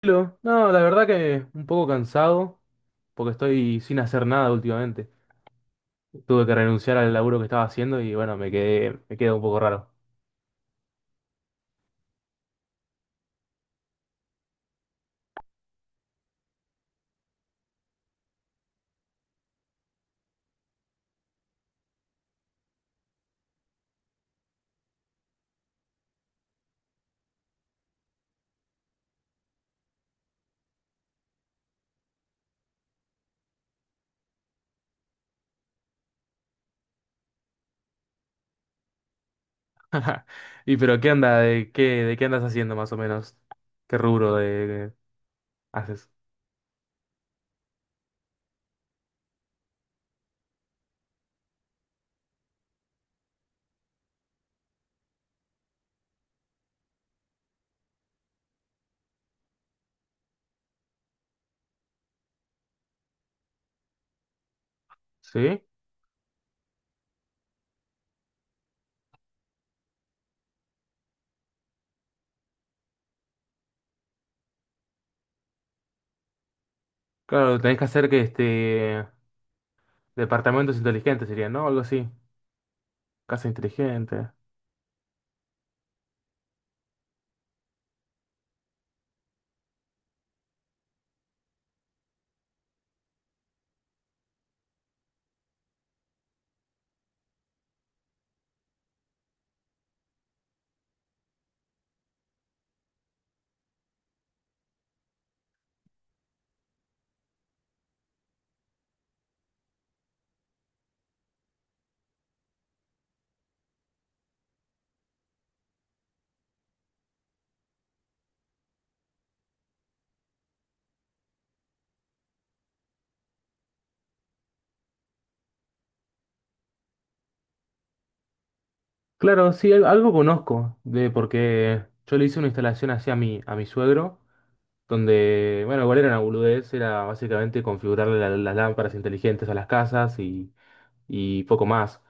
Tranquilo. No, la verdad que un poco cansado, porque estoy sin hacer nada últimamente. Tuve que renunciar al laburo que estaba haciendo y bueno, me quedé un poco raro. Y pero ¿qué anda? ¿De qué andas haciendo más o menos? ¿Qué rubro haces? ¿Sí? Claro, tenés que hacer que este departamentos inteligentes serían, ¿no? Algo así. Casa inteligente. Claro, sí, algo conozco de porque yo le hice una instalación así a mi suegro, donde, bueno, igual era una boludez, era básicamente configurarle las lámparas inteligentes a las casas y poco más.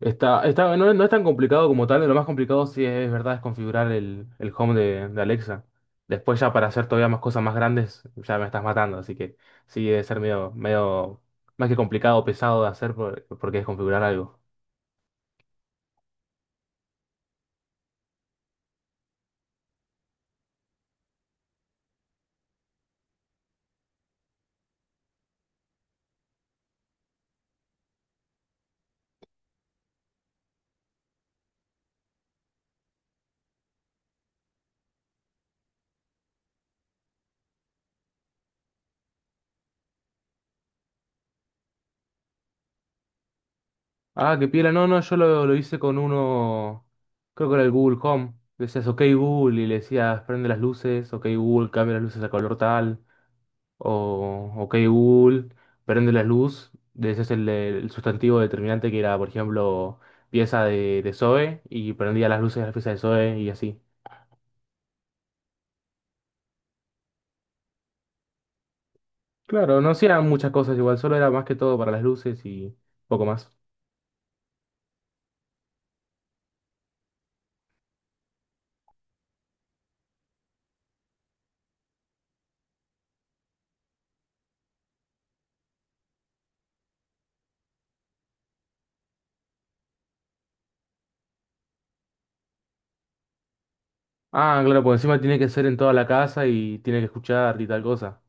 No, no es tan complicado como tal, lo más complicado sí es, verdad es configurar el home de Alexa. Después ya para hacer todavía más cosas más grandes, ya me estás matando, así que sí debe ser medio más que complicado, pesado de hacer porque es configurar algo. Ah, qué piola. No, no, yo lo hice con uno, creo que era el Google Home. Decías, ok Google, y le decías, prende las luces, ok Google, cambia las luces a color tal, o ok Google, prende la luz. Le decías el sustantivo determinante que era, por ejemplo, pieza de Zoe, y prendía las luces de la pieza de Zoe, y así. Claro, no hacían muchas cosas igual, solo era más que todo para las luces y poco más. Ah, claro, por encima tiene que ser en toda la casa y tiene que escuchar y tal cosa.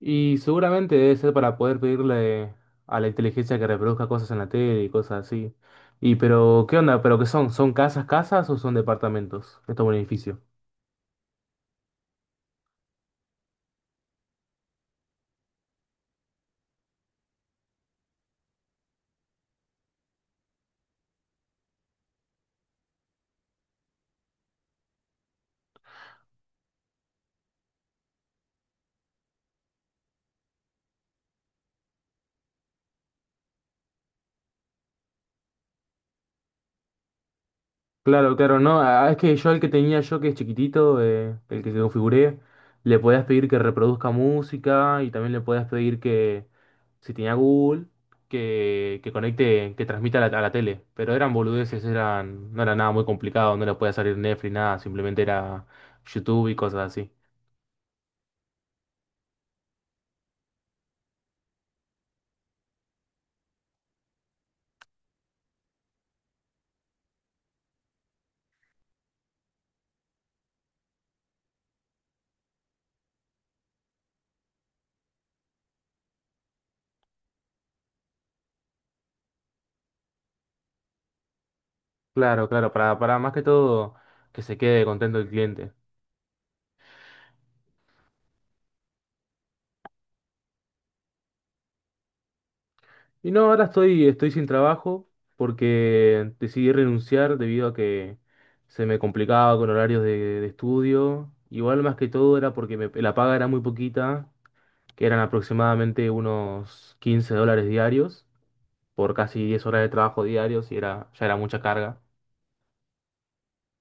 Y seguramente debe ser para poder pedirle a la inteligencia que reproduzca cosas en la tele y cosas así. Y pero, ¿qué onda? ¿Pero qué son? ¿Son casas, casas o son departamentos? Esto es un edificio. Claro, claro, no. Ah, es que yo el que tenía yo, que es chiquitito, el que configuré, le podías pedir que reproduzca música y también le podías pedir que, si tenía Google, que conecte, que transmita a la tele. Pero eran boludeces, eran, no era nada muy complicado, no le podía salir Netflix, nada, simplemente era YouTube y cosas así. Claro, claro, para más que todo que se quede contento el cliente. Y no, ahora estoy sin trabajo porque decidí renunciar debido a que se me complicaba con horarios de estudio. Igual más que todo era porque la paga era muy poquita, que eran aproximadamente unos 15 dólares diarios por casi 10 horas de trabajo diarios y era, ya era mucha carga.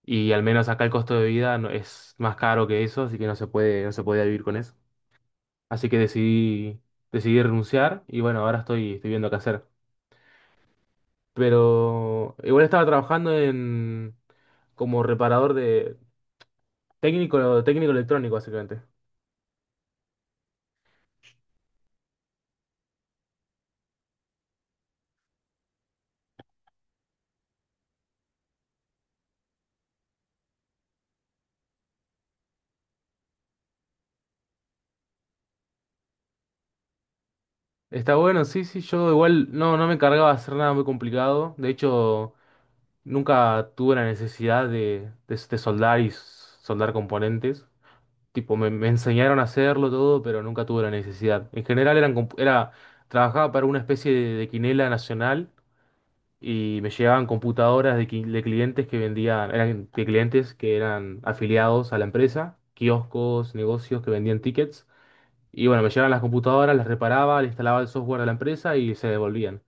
Y al menos acá el costo de vida es más caro que eso, así que no se puede, no se podía vivir con eso. Así que decidí, decidí renunciar y bueno, ahora estoy viendo qué hacer. Pero igual estaba trabajando en como reparador de técnico electrónico, básicamente. Está bueno, sí, sí, yo igual no, no me encargaba de hacer nada muy complicado. De hecho, nunca tuve la necesidad de soldar y soldar componentes. Tipo, me enseñaron a hacerlo todo, pero nunca tuve la necesidad. En general eran, trabajaba para una especie de quinela nacional y me llegaban computadoras de, de clientes que vendían, eran de clientes que eran afiliados a la empresa, kioscos, negocios que vendían tickets. Y bueno, me llegaban las computadoras, las reparaba, le instalaba el software a la empresa y se devolvían.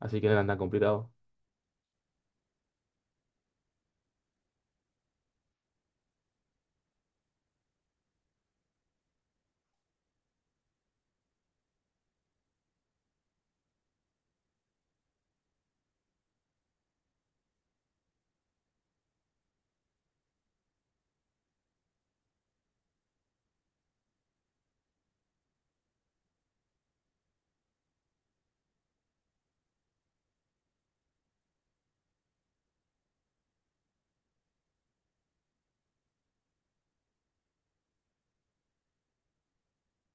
Así que no eran tan complicados.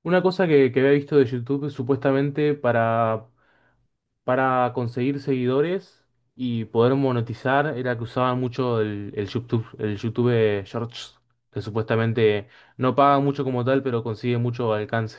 Una cosa que había visto de YouTube supuestamente para conseguir seguidores y poder monetizar era que usaban mucho el YouTube Shorts, que supuestamente no paga mucho como tal, pero consigue mucho alcance.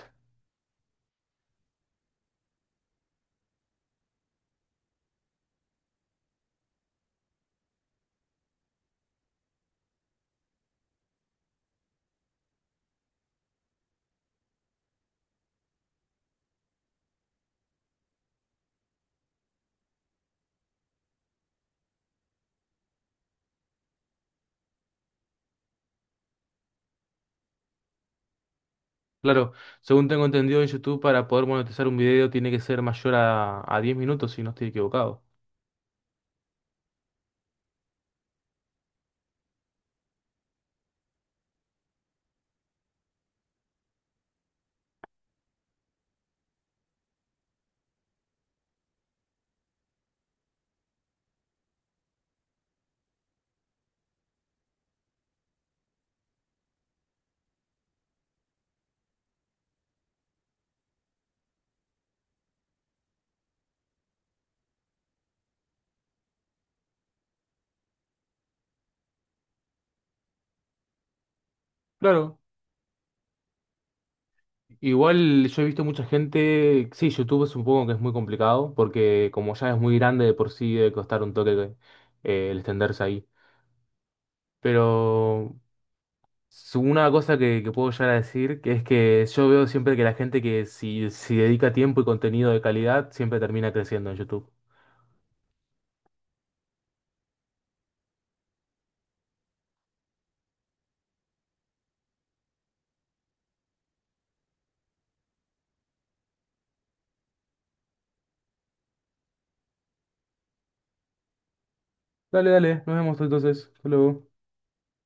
Claro, según tengo entendido en YouTube, para poder monetizar un video tiene que ser mayor a 10 minutos, si no estoy equivocado. Claro, igual yo he visto mucha gente, sí, YouTube es un poco que es muy complicado, porque como ya es muy grande de por sí debe costar un toque el extenderse ahí. Pero una cosa que puedo llegar a decir, que es que yo veo siempre que la gente que si dedica tiempo y contenido de calidad, siempre termina creciendo en YouTube. Dale, dale, nos vemos entonces. Hasta luego.